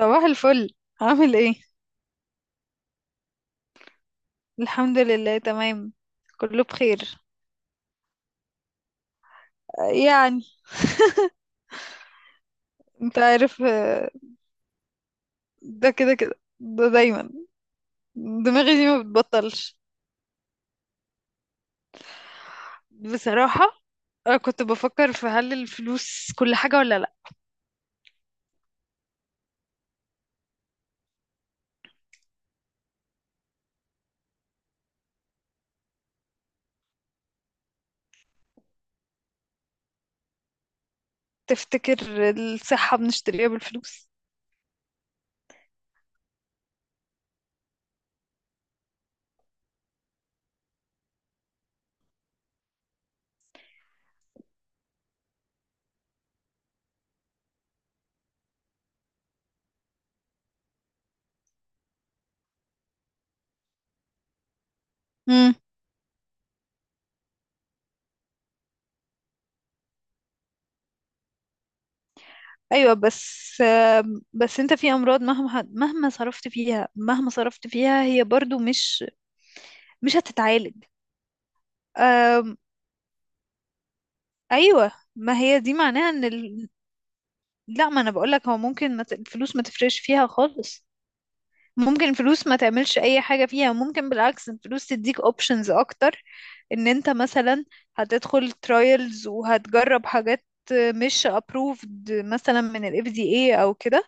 صباح الفل. عامل ايه؟ الحمد لله، تمام، كله بخير. يعني، انت عارف، ده كده كده ده دايما. دماغي دي ما بتبطلش. بصراحة، انا كنت بفكر في هل الفلوس كل حاجة ولا لا. تفتكر الصحة بنشتريها بالفلوس؟ امم، ايوه، بس بس انت في امراض مهما صرفت فيها هي برضو مش هتتعالج. أم، ايوه، ما هي دي معناها ان لا، ما انا بقولك هو ممكن ما ت- الفلوس ما تفرقش فيها خالص. ممكن الفلوس ما تعملش اي حاجة فيها، ممكن بالعكس الفلوس تديك options اكتر. ان انت مثلا هتدخل trials وهتجرب حاجات مش approved مثلا من ال FDA او كده.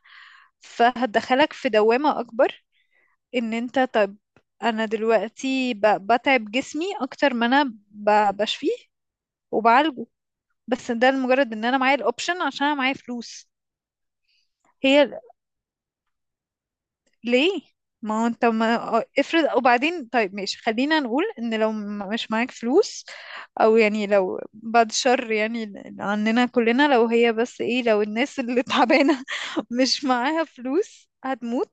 فهتدخلك في دوامة اكبر. ان انت، طب انا دلوقتي بتعب جسمي اكتر ما انا بشفيه وبعالجه، بس ده لمجرد ان انا معايا الاوبشن عشان انا معايا فلوس. هي ليه؟ ما هو انت ما افرض. وبعدين طيب ماشي، خلينا نقول ان لو مش معاك فلوس، او يعني لو بعد شر، يعني عننا كلنا، لو هي بس ايه، لو الناس اللي تعبانة مش معاها فلوس هتموت.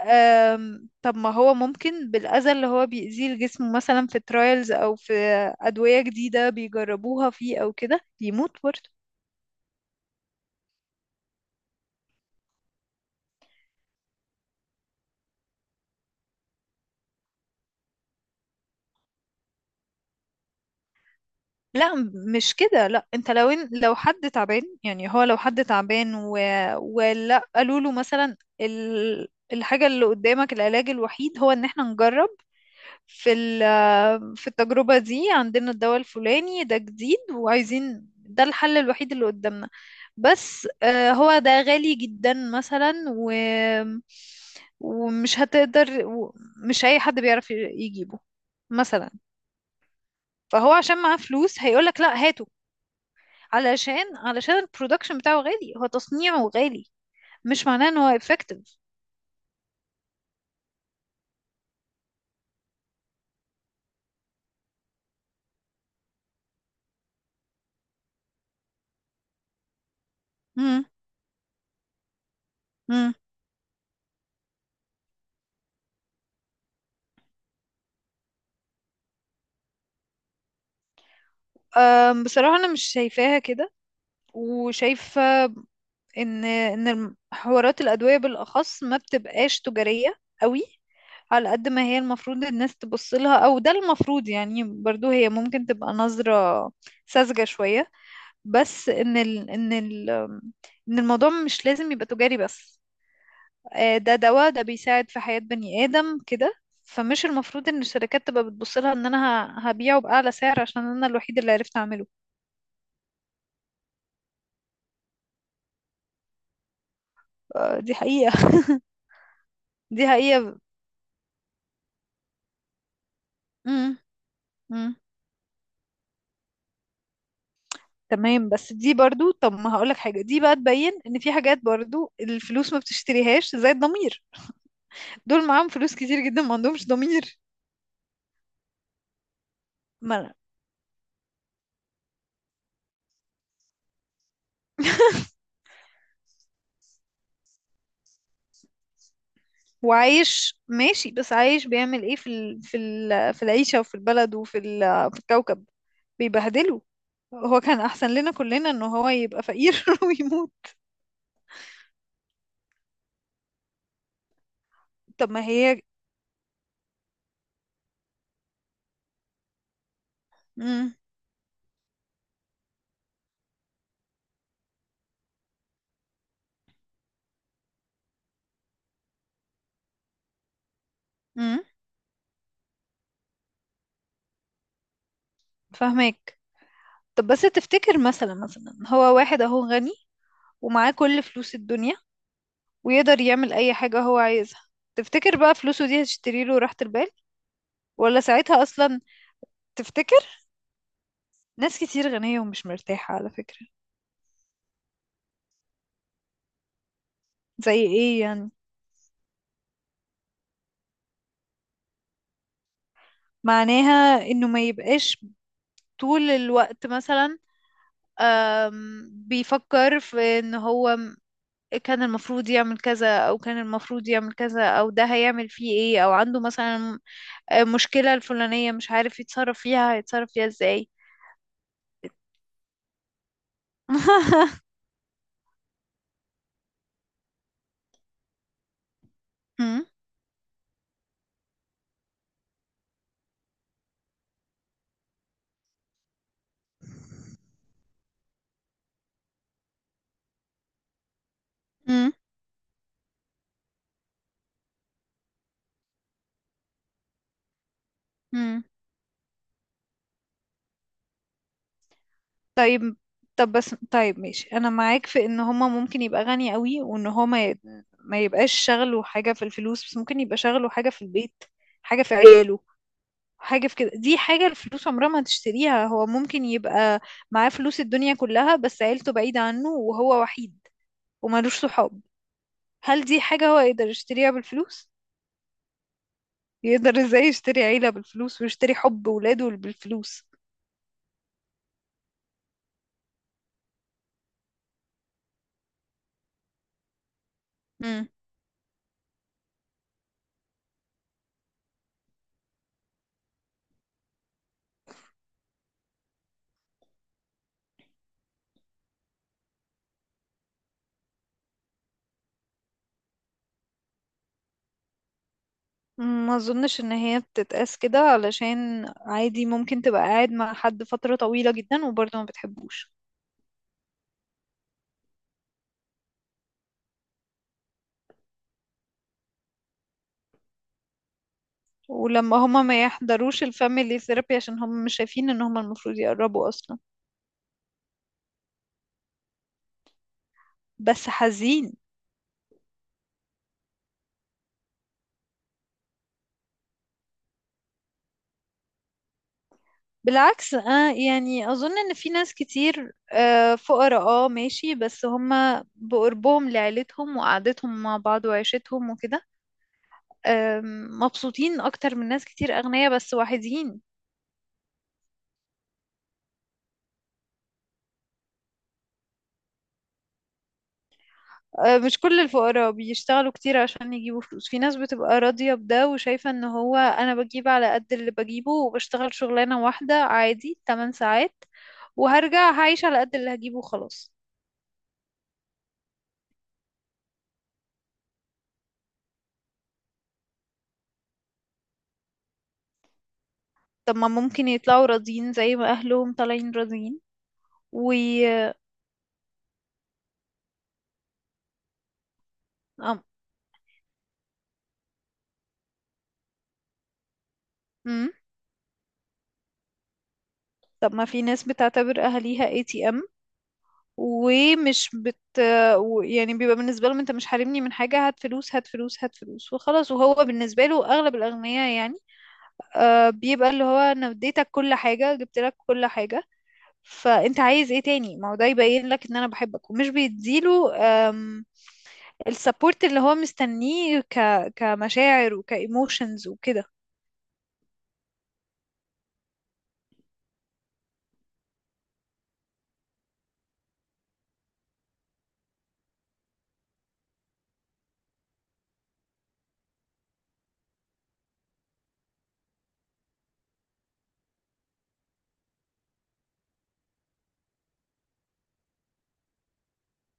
طب ما هو ممكن بالأذى اللي هو بيأذيه الجسم مثلا في ترايلز او في أدوية جديدة بيجربوها فيه او كده يموت برضه. لا مش كده، لا انت لو إن لو حد تعبان، يعني هو لو حد تعبان و... ولا قالوا له مثلا الحاجة اللي قدامك العلاج الوحيد هو ان احنا نجرب في التجربة دي عندنا الدواء الفلاني ده جديد، وعايزين ده الحل الوحيد اللي قدامنا. بس هو ده غالي جدا مثلا، ومش هتقدر مش اي حد بيعرف يجيبه مثلا. فهو عشان معاه فلوس هيقولك لا، هاته. علشان البرودكشن بتاعه غالي، هو تصنيعه غالي، مش معناه ان هو effective. مم. مم. بصراحة انا مش شايفاها كده. وشايفة ان ان حوارات الادوية بالاخص ما بتبقاش تجارية قوي، على قد ما هي المفروض الناس تبص لها. او ده المفروض يعني، برضو هي ممكن تبقى نظرة ساذجة شوية، بس ان الموضوع مش لازم يبقى تجاري بس. ده دواء، ده بيساعد في حياة بني آدم كده. فمش المفروض ان الشركات تبقى بتبص لها ان انا هبيعه بأعلى سعر عشان انا الوحيد اللي عرفت اعمله. دي حقيقة. دي حقيقة. امم. امم. تمام. بس دي برضو، طب ما هقولك حاجة، دي بقى تبين ان في حاجات برضو الفلوس ما بتشتريهاش زي الضمير. دول معاهم فلوس كتير جدا، ما عندهمش ضمير. ما أنا- وعايش ماشي، بس عايش بيعمل ايه في العيشة وفي البلد وفي ال... في الكوكب. بيبهدله. هو كان احسن لنا كلنا ان هو يبقى فقير ويموت. طب ما هي، امم. امم. فاهمك. طب بس تفتكر، مثلا هو واحد اهو غني ومعاه كل فلوس الدنيا ويقدر يعمل اي حاجة هو عايزها. تفتكر بقى فلوسه دي هتشتري له راحة البال؟ ولا ساعتها اصلا؟ تفتكر؟ ناس كتير غنية ومش مرتاحة على فكرة. زي ايه يعني؟ معناها انه ما يبقاش طول الوقت مثلا بيفكر في ان هو كان المفروض يعمل كذا، او كان المفروض يعمل كذا، او ده هيعمل فيه ايه، او عنده مثلا مشكلة الفلانية مش عارف يتصرف فيها، هيتصرف فيها ازاي. مم. مم. مم. طيب. طب بس طيب ماشي، انا معاك في ان هما ممكن يبقى غني قوي، وان هما ما يبقاش شغله حاجة في الفلوس، بس ممكن يبقى شغله حاجة في البيت، حاجة في عياله، حاجة في كده. دي حاجة الفلوس عمرها ما تشتريها. هو ممكن يبقى معاه فلوس الدنيا كلها بس عيلته بعيدة عنه وهو وحيد ومالوش صحاب. هل دي حاجة هو يقدر يشتريها بالفلوس؟ يقدر ازاي يشتري عيلة بالفلوس ويشتري حب ولاده بالفلوس؟ امم. ما اظنش ان هي بتتقاس كده، علشان عادي ممكن تبقى قاعد مع حد فترة طويلة جدا وبرضه ما بتحبوش. ولما هما ما يحضروش الفاميلي ثيرابي عشان هما مش شايفين ان هما المفروض يقربوا اصلا. بس حزين. بالعكس آه، يعني أظن إن في ناس كتير، آه، فقراء، اه ماشي، بس هما بقربهم لعيلتهم وقعدتهم مع بعض وعيشتهم وكده، آه، مبسوطين أكتر من ناس كتير أغنياء بس وحيدين. آه، مش كل الفقراء بيشتغلوا كتير عشان يجيبوا فلوس. في ناس بتبقى راضية بده وشايفة إن هو أنا بجيب على قد اللي بجيبه وبشتغل شغلانة واحدة عادي 8 ساعات، وهرجع هعيش على قد اللي هجيبه خلاص. طب ما ممكن يطلعوا راضيين زي ما أهلهم طالعين راضيين. و... أم. مم. طب ما في ناس بتعتبر اهاليها اي تي ام ومش يعني بيبقى بالنسبه لهم انت مش حارمني من حاجه، هات فلوس هات فلوس هات فلوس وخلاص. وهو بالنسبه له اغلب الاغنياء يعني آه بيبقى اللي هو انا اديتك كل حاجه، جبت لك كل حاجه، فانت عايز ايه تاني؟ ما هو ده يبين لك ان انا بحبك. ومش بيديله آم، السبورت اللي هو مستنيه كمشاعر وكايموشنز وكده.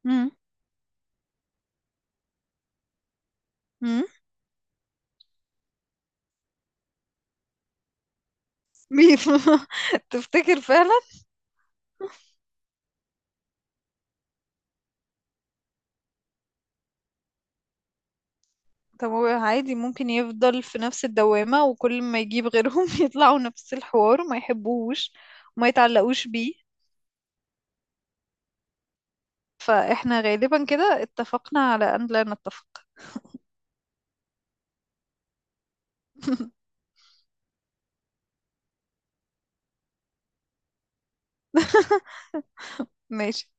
امم. امم. تفتكر فعلا؟ طب هو عادي ممكن يفضل في نفس الدوامة، وكل ما يجيب غيرهم يطلعوا نفس الحوار وما يحبوش وما يتعلقوش بيه. فاحنا غالبا كده اتفقنا على ان لا نتفق. ماشي.